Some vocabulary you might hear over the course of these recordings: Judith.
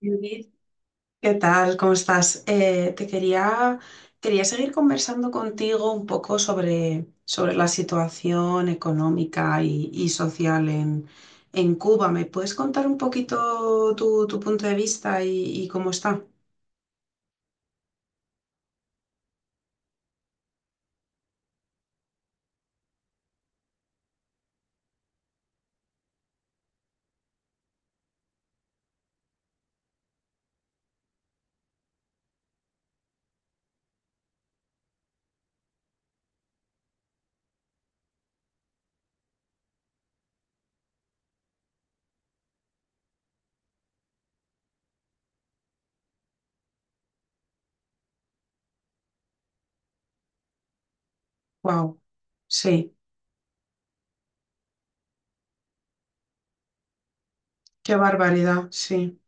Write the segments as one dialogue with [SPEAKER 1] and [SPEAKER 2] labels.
[SPEAKER 1] Judith, ¿qué tal? ¿Cómo estás? Quería seguir conversando contigo un poco sobre la situación económica y social en Cuba. ¿Me puedes contar un poquito tu punto de vista y cómo está? Wow, sí, qué barbaridad, sí,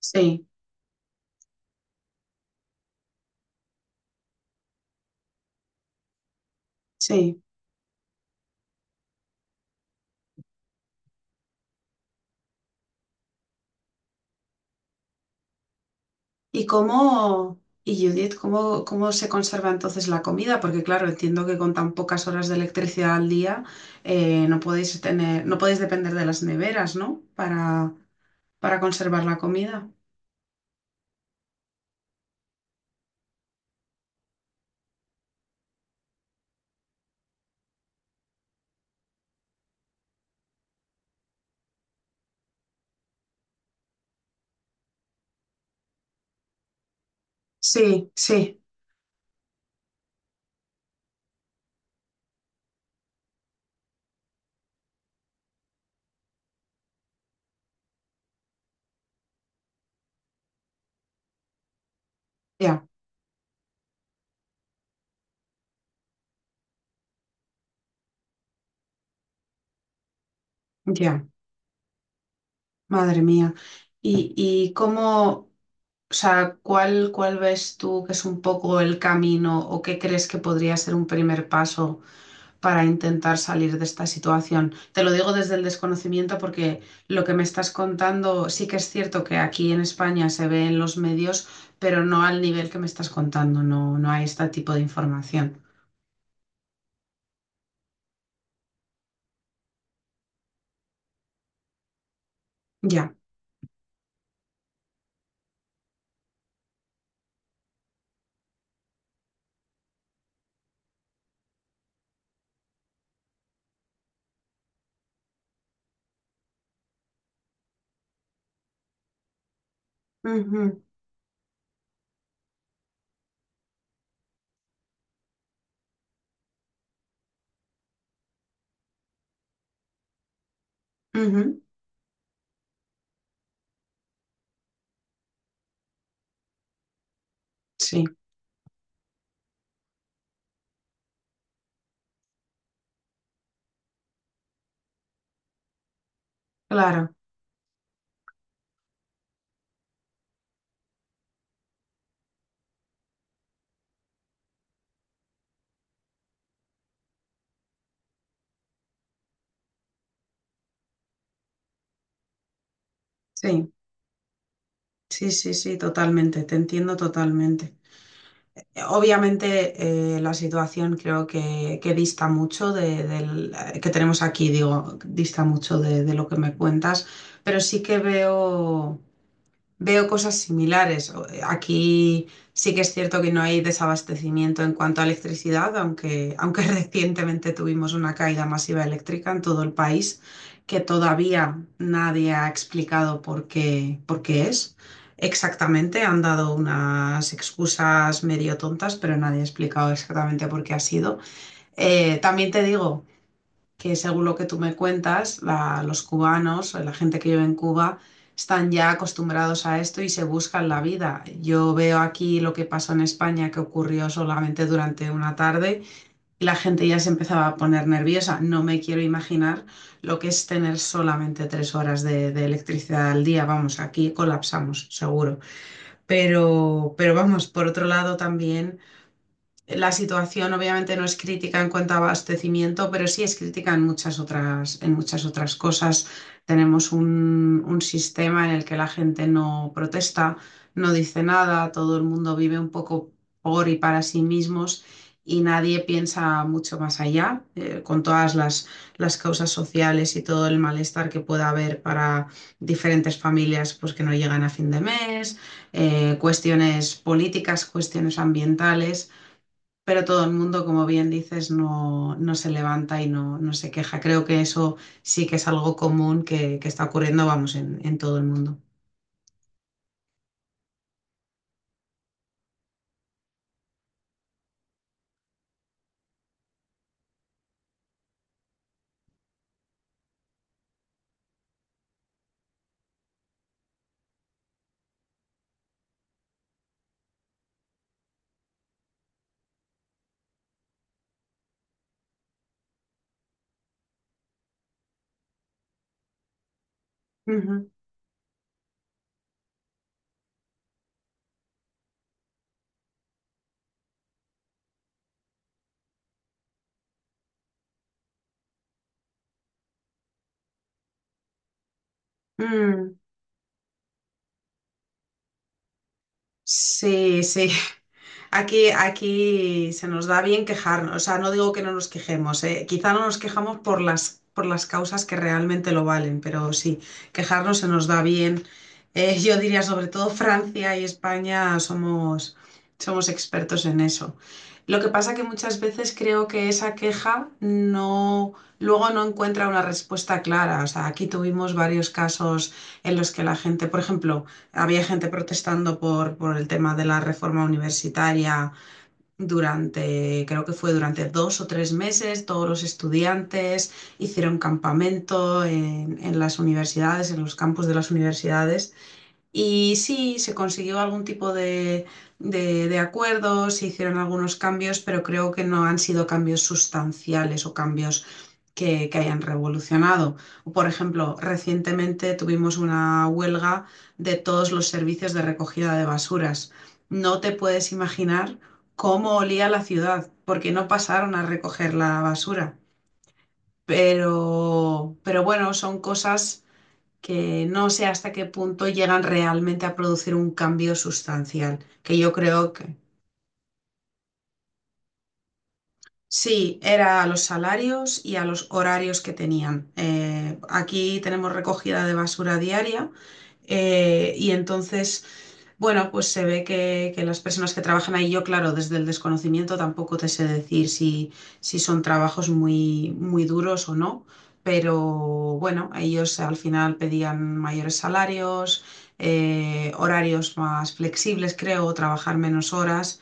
[SPEAKER 1] sí, sí. ¿Y cómo, y Judith, ¿cómo se conserva entonces la comida? Porque claro, entiendo que con tan pocas horas de electricidad al día no podéis tener, no podéis depender de las neveras, ¿no? Para conservar la comida. Sí, sí, ya, ya, madre mía. ¿Y, y cómo, o sea, ¿cuál ves tú que es un poco el camino o qué crees que podría ser un primer paso para intentar salir de esta situación? Te lo digo desde el desconocimiento, porque lo que me estás contando sí que es cierto que aquí en España se ve en los medios, pero no al nivel que me estás contando, no, no hay este tipo de información. Ya. Ujú, ujú. Sí, claro. Sí, sí, sí, sí, totalmente, te entiendo totalmente. Obviamente la situación creo que dista mucho de, del que tenemos aquí, digo, dista mucho de lo que me cuentas, pero sí que veo, veo cosas similares. Aquí sí que es cierto que no hay desabastecimiento en cuanto a electricidad, aunque recientemente tuvimos una caída masiva eléctrica en todo el país, que todavía nadie ha explicado por qué es. Exactamente, han dado unas excusas medio tontas, pero nadie ha explicado exactamente por qué ha sido. También te digo que según lo que tú me cuentas, los cubanos, la gente que vive en Cuba, están ya acostumbrados a esto y se buscan la vida. Yo veo aquí lo que pasó en España, que ocurrió solamente durante una tarde y la gente ya se empezaba a poner nerviosa. No me quiero imaginar lo que es tener solamente 3 horas de electricidad al día. Vamos, aquí colapsamos, seguro. Pero vamos, por otro lado también... La situación obviamente no es crítica en cuanto a abastecimiento, pero sí es crítica en muchas otras cosas. Tenemos un sistema en el que la gente no protesta, no dice nada, todo el mundo vive un poco por y para sí mismos y nadie piensa mucho más allá, con todas las causas sociales y todo el malestar que pueda haber para diferentes familias, pues, que no llegan a fin de mes, cuestiones políticas, cuestiones ambientales. Pero todo el mundo, como bien dices, no, no se levanta y no, no se queja. Creo que eso sí que es algo común que está ocurriendo, vamos, en todo el mundo. Ujú. Mm. Sí, sí. Aquí, aquí se nos da bien quejarnos, o sea, no digo que no nos quejemos, quizá no nos quejamos por por las causas que realmente lo valen, pero sí, quejarnos se nos da bien. Yo diría sobre todo Francia y España somos, somos expertos en eso. Lo que pasa que muchas veces creo que esa queja no, luego no encuentra una respuesta clara. O sea, aquí tuvimos varios casos en los que la gente, por ejemplo, había gente protestando por el tema de la reforma universitaria durante, creo que fue durante 2 o 3 meses, todos los estudiantes hicieron campamento en las universidades, en los campus de las universidades. Y sí, se consiguió algún tipo de acuerdo, se hicieron algunos cambios, pero creo que no han sido cambios sustanciales o cambios que hayan revolucionado. O, por ejemplo, recientemente tuvimos una huelga de todos los servicios de recogida de basuras. No te puedes imaginar cómo olía la ciudad, porque no pasaron a recoger la basura. Pero bueno, son cosas que no sé hasta qué punto llegan realmente a producir un cambio sustancial, que yo creo que... Sí, era a los salarios y a los horarios que tenían. Aquí tenemos recogida de basura diaria, y entonces, bueno, pues se ve que las personas que trabajan ahí, yo claro, desde el desconocimiento tampoco te sé decir si, si son trabajos muy, muy duros o no, pero bueno, ellos al final pedían mayores salarios, horarios más flexibles, creo, trabajar menos horas,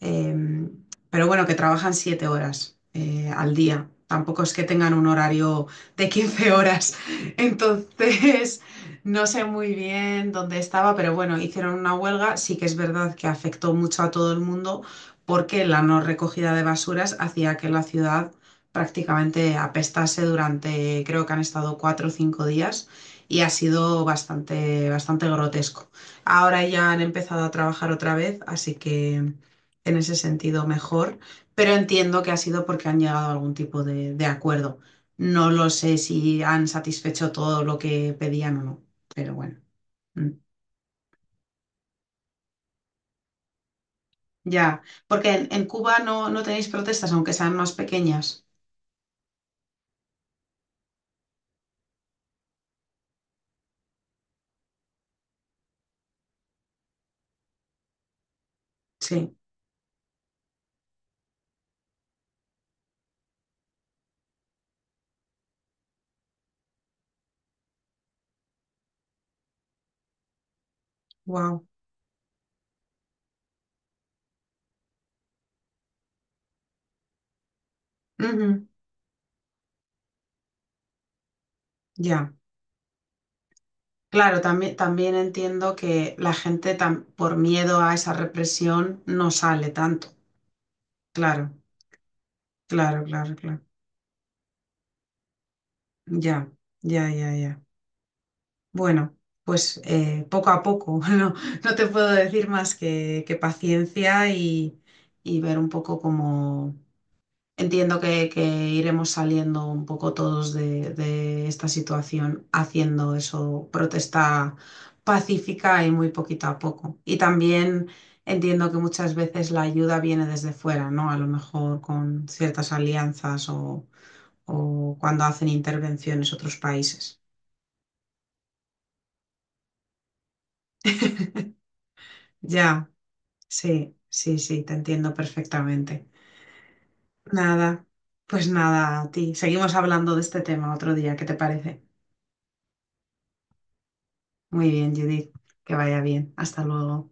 [SPEAKER 1] eh, pero bueno, que trabajan 7 horas, al día. Tampoco es que tengan un horario de 15 horas. Entonces, no sé muy bien dónde estaba, pero bueno, hicieron una huelga. Sí que es verdad que afectó mucho a todo el mundo porque la no recogida de basuras hacía que la ciudad prácticamente apestase durante, creo que han estado 4 o 5 días, y ha sido bastante, bastante grotesco. Ahora ya han empezado a trabajar otra vez, así que en ese sentido mejor, pero entiendo que ha sido porque han llegado a algún tipo de acuerdo. No lo sé si han satisfecho todo lo que pedían o no, pero bueno. Mm. Ya, porque en Cuba no, no tenéis protestas, aunque sean más pequeñas. Sí, wow. Ujú, ya. Claro, también, también entiendo que la gente por miedo a esa represión no sale tanto. Claro, claro, claro, claro. Ya, ya, ya, ya. Bueno, pues poco a poco, no, no te puedo decir más que paciencia y ver un poco cómo... Entiendo que iremos saliendo un poco todos de esta situación haciendo eso, protesta pacífica y muy poquito a poco. Y también entiendo que muchas veces la ayuda viene desde fuera, ¿no? A lo mejor con ciertas alianzas o cuando hacen intervenciones otros países. Ya. Sí, sí, sí, te entiendo perfectamente. Nada, pues nada, a ti. Seguimos hablando de este tema otro día, ¿qué te parece? Muy bien, Judith, que vaya bien. Hasta luego.